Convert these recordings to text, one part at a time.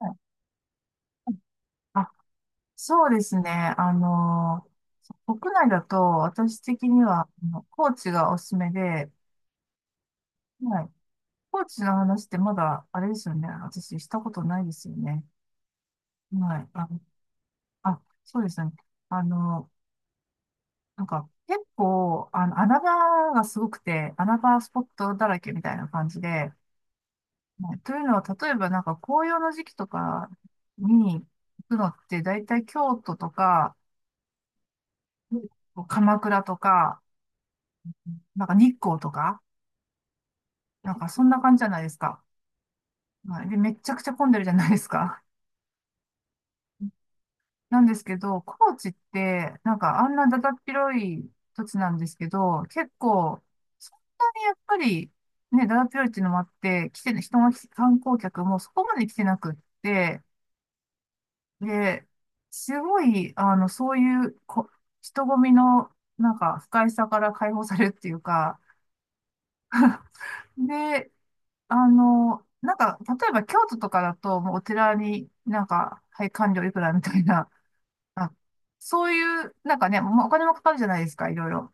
はい。あ、そうですね。あの、国内だと私的には、高知がおすすめで、はい。高知の話ってまだ、あれですよね。私したことないですよね。はい。そうですね。あの、結構、穴場がすごくて、穴場スポットだらけみたいな感じで、はいというのは、例えば紅葉の時期とかに行くのって、だいたい京都とか、鎌倉とか、日光とか、そんな感じじゃないですか。はい。で、めちゃくちゃ混んでるじゃないですか。なんですけど、高知って、あんなだだっ広い土地なんですけど、結構、そんなにやっぱり、ね、だだっ広いっていうのもあって、来てる人が来て、観光客もそこまで来てなくって、で、すごい、あの、そういうこ、人混みの、不快さから解放されるっていうか、で、例えば京都とかだと、もうお寺にはい、官料いくらみたいな、あ、そういう、もうお金もかかるじゃないですか、いろいろ。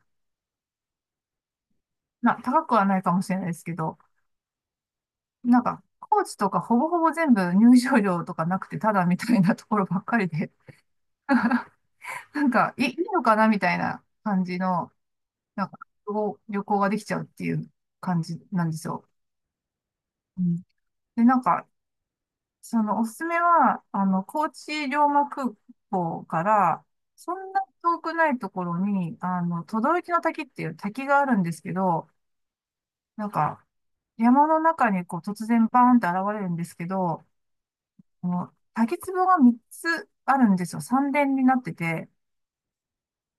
まあ、高くはないかもしれないですけど、高知とかほぼほぼ全部入場料とかなくて、ただみたいなところばっかりで、いいいのかなみたいな感じの、なんか、旅行旅行ができちゃうっていう感じなんですよ。うん、で、そのおすすめは、高知龍馬空港から、そんな遠くないところに、轟の滝っていう滝があるんですけど、なんか、山の中にこう突然バーンって現れるんですけど、この滝壺が3つあるんですよ。三連になってて、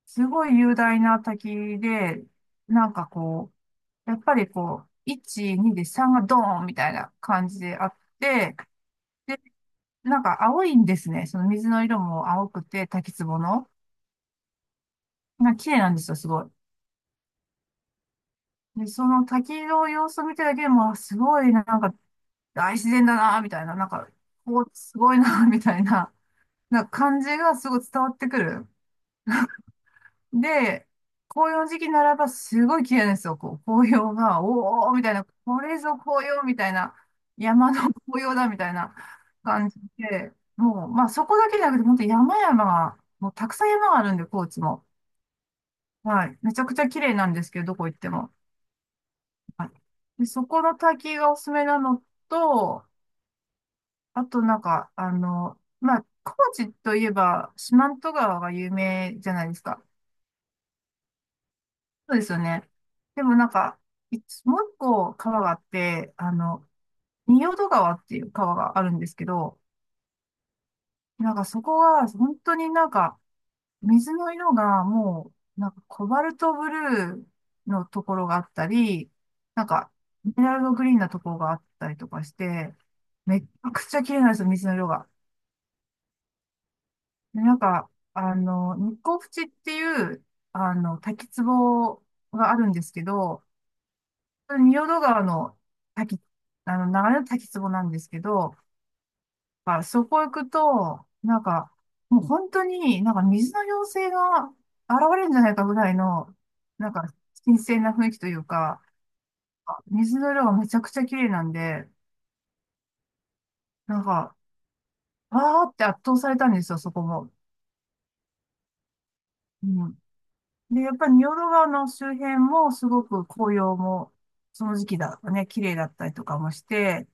すごい雄大な滝で、なんかこやっぱりこう、1、2で3がドーンみたいな感じであって、で青いんですね。その水の色も青くて、滝壺の。綺麗なんですよ、すごい。で、その滝の様子を見てるだけでも、あすごい、大自然だな、みたいな、すごいな、みたいな、感じがすごい伝わってくる。で、紅葉の時期ならばすごい綺麗なんですよ、こう、紅葉が、おー、みたいな、これぞ紅葉、みたいな、山の紅葉だ、みたいな感じで、もう、まあそこだけじゃなくて、本当山々が、もうたくさん山があるんで、高知も。はい。めちゃくちゃ綺麗なんですけど、どこ行っても。で、そこの滝がおすすめなのと、あとまあ、高知といえば四万十川が有名じゃないですか。そうですよね。でもいつもう一個川があって、仁淀川っていう川があるんですけど、そこが本当に水の色がもう、コバルトブルーのところがあったり、なんか、エメラルドグリーンなところがあったりとかして、めっちゃくちゃ綺麗なんですよ、水の色が。で、日光淵っていう、滝壺があるんですけど、仁淀川の滝、流れの滝壺なんですけど、あ、そこ行くと、もう本当に水の妖精が現れるんじゃないかぐらいの、なんか、新鮮な雰囲気というか、あ水の色がめちゃくちゃ綺麗なんで、なんか、わーって圧倒されたんですよ、そこも。うんで、やっぱり仁淀川の周辺もすごく紅葉も、その時期だとね、綺麗だったりとかもして、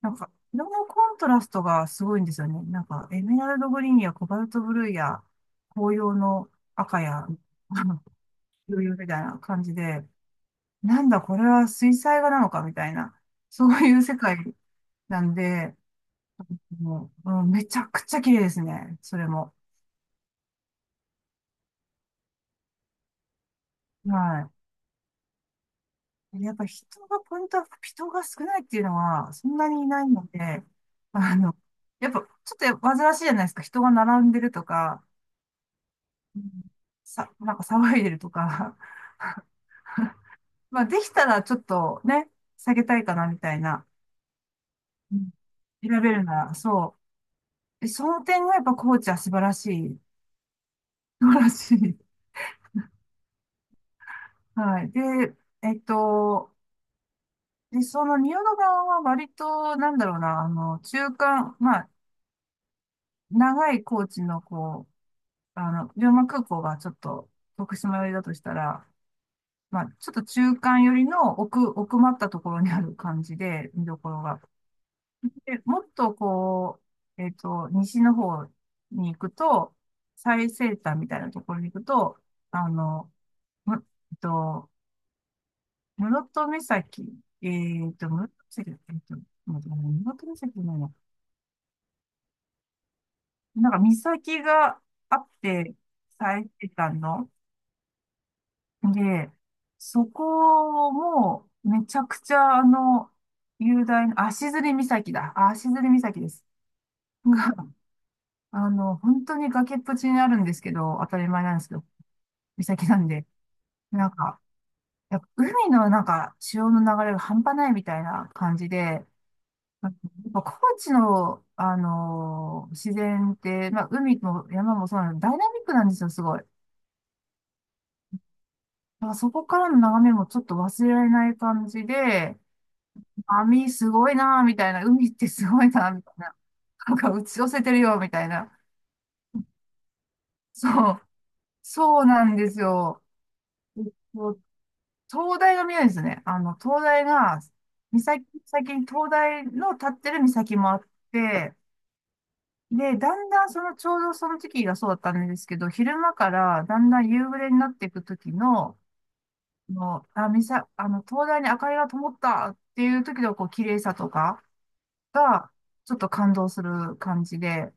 色のコントラストがすごいんですよね。エメラルドグリーンやコバルトブルーや、紅葉の赤や、余裕みたいな感じで、なんだこれは水彩画なのかみたいな、そういう世界なんで、もう、うんめちゃくちゃ綺麗ですね、それも。はい。やっぱ人が、ポイントは人が少ないっていうのは、そんなにいないので、あの、やっぱ、ちょっと煩わしいじゃないですか。人が並んでるとか、うんさ、騒いでるとか。まあ、できたらちょっとね、下げたいかなみたいな。うん選べるなら、そう。でその点がやっぱコーチは素晴らしい。素晴らしい。はい。で、えっと、で、その仁淀川は割と、なんだろうな、中間、まあ、長いコーチのこあの、龍馬空港がちょっと徳島寄りだとしたら、まあ、ちょっと中間寄りの奥、奥まったところにある感じで、見どころが。で、もっとこう、えっと、西の方に行くと、最西端みたいなところに行くと、あの、む、えっと、室戸岬、えっと、室戸岬、えっと、待ってごめん室戸岬じゃないな。岬があって、最西端の、で、そこも、めちゃくちゃ、雄大な、足摺岬だ。あ足摺岬です。が、本当に崖っぷちにあるんですけど、当たり前なんですけど、岬なんで、なんか、やっぱ海の潮の流れが半端ないみたいな感じで、やっぱ高知の、あのー自然って、まあ、海も山もそうなんで、ダイナミックなんですよ、すごい。だからそこからの眺めもちょっと忘れられない感じで、網すごいな、みたいな。海ってすごいな、みたいな。打ち寄せてるよ、みたいな。そう。そうなんですよ。えっと灯台が見えるんですね。あの、灯台が、岬、先に灯台の立ってる岬もあって、で、だんだんその、ちょうどその時期がそうだったんですけど、昼間からだんだん夕暮れになっていく時の、の、あ、岬、あの、灯台に明かりが灯ったっていう時の、こう、綺麗さとかが、ちょっと感動する感じで、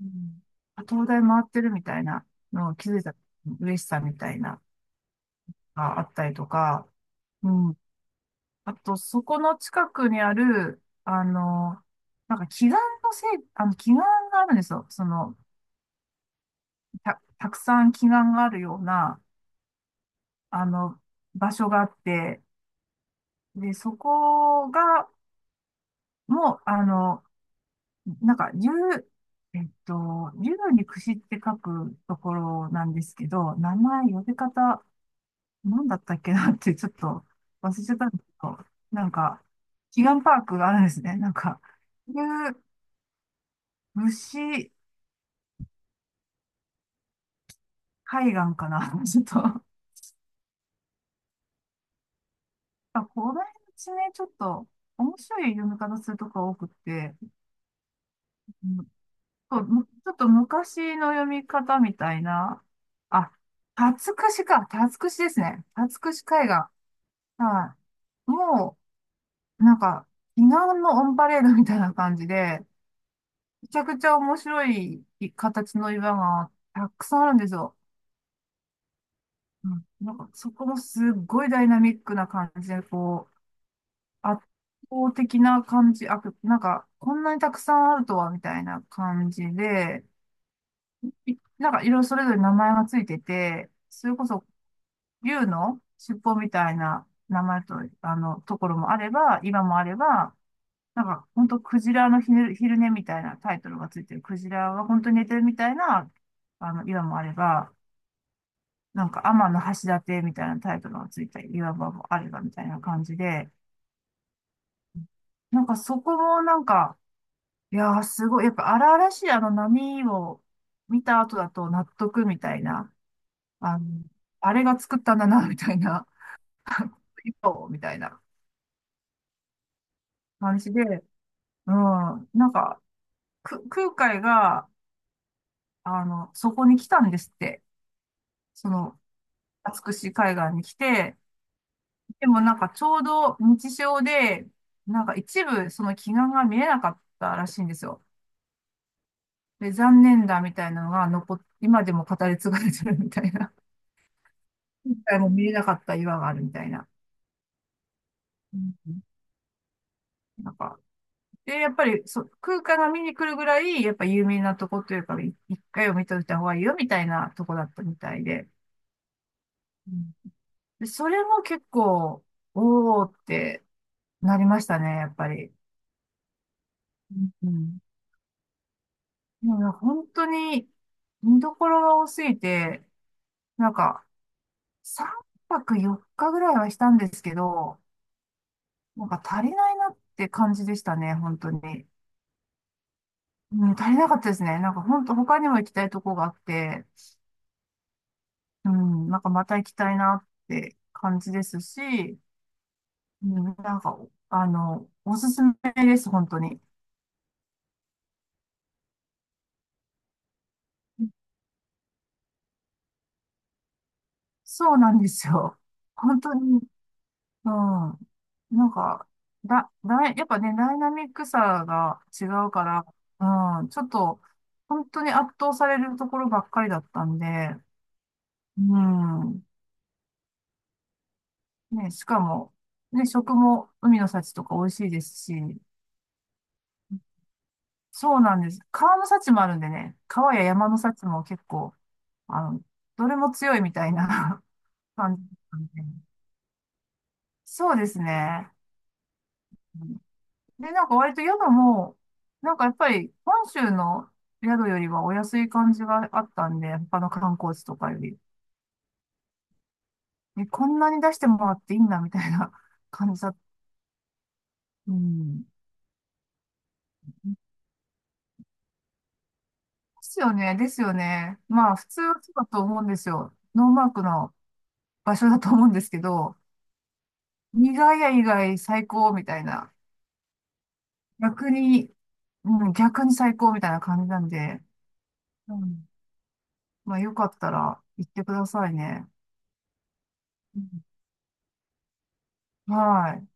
うん、あ東大回ってるみたいなのを気づいた嬉しさみたいなのがあったりとか、うん。あと、そこの近くにある、祈願のせい、あの、祈願があるんですよ。その、た、たくさん祈願があるような、あの、場所があって、で、そこが、もう、竜、えっと、竜に串って書くところなんですけど、名前、呼び方、なんだったっけなってちょっと忘れちゃったんですけど、なんか、祈願パークがあるんですね。いう牛海岸かな。ちょっと、あ、この地ね、ちょっと面白い読み方するとこが多くて、うんそうむちょっと昔の読み方みたいな、あ、辰串か、辰串ですね。辰串海岸。はい。もう、祈願のオンパレードみたいな感じで、めちゃくちゃ面白い形の岩がたくさんあるんですよ。うん、なんかそこもすっごいダイナミックな感じで、こう、圧倒的な感じ、あ、なんかこんなにたくさんあるとはみたいな感じで、いなんかいろいろそれぞれ名前がついてて、それこそ竜の尻尾みたいな名前と、ところもあれば、岩もあれば、本当クジラの昼寝みたいなタイトルがついてる。クジラは本当に寝てるみたいな、岩もあれば、なんか、天の橋立みたいなタイトルがついた岩場もあればみたいな感じで、なんかそこもなんか、いやーすごい、やっぱ荒々しいあの波を見た後だと納得みたいな、あの、あれが作ったんだな、みたいな、岩をみたいな感じで、うん、なんか、空海が、そこに来たんですって。その、美しい海岸に来て、でもなんかちょうど日照で、なんか一部その奇岩が見えなかったらしいんですよ。で、残念だみたいなのが残っ、今でも語り継がれてるみたいな。今回も見えなかった岩があるみたいな。うんなんか、で、やっぱり空間が見に来るぐらい、やっぱ有名なとこというか、一回を見といた方がいいよみたいなとこだったみたいで。うんで、それも結構、おーってなりましたね、やっぱり。うんいや、本当に見どころが多すぎて、なんか3泊4日ぐらいはしたんですけど、なんか足りないなって感じでしたね、本当に。うん、足りなかったですね。なんか本当他にも行きたいとこがあって、うん、なんかまた行きたいなって感じですし、うん、なんか、あの、おすすめです、本当に。そうなんですよ。本当にうん。なんか、だ、だい、やっぱね、ダイナミックさが違うから、うん、ちょっと、本当に圧倒されるところばっかりだったんで、うん。ね、しかも、ね、食も海の幸とか美味しいですし、そうなんです。川の幸もあるんでね、川や山の幸も結構、あの、どれも強いみたいな 感じなんで。そうですね。で、なんか割と宿も、なんかやっぱり本州の宿よりはお安い感じがあったんで、他の観光地とかより。え、こんなに出してもらっていいんだみたいな 感じだ。うん。ですよね、ですよね。まあ普通はそうだと思うんですよ。ノーマークの場所だと思うんですけど、意外や意外最高みたいな。逆に、うん、逆に最高みたいな感じなんで、うん、まあよかったら行ってくださいね。うんはい。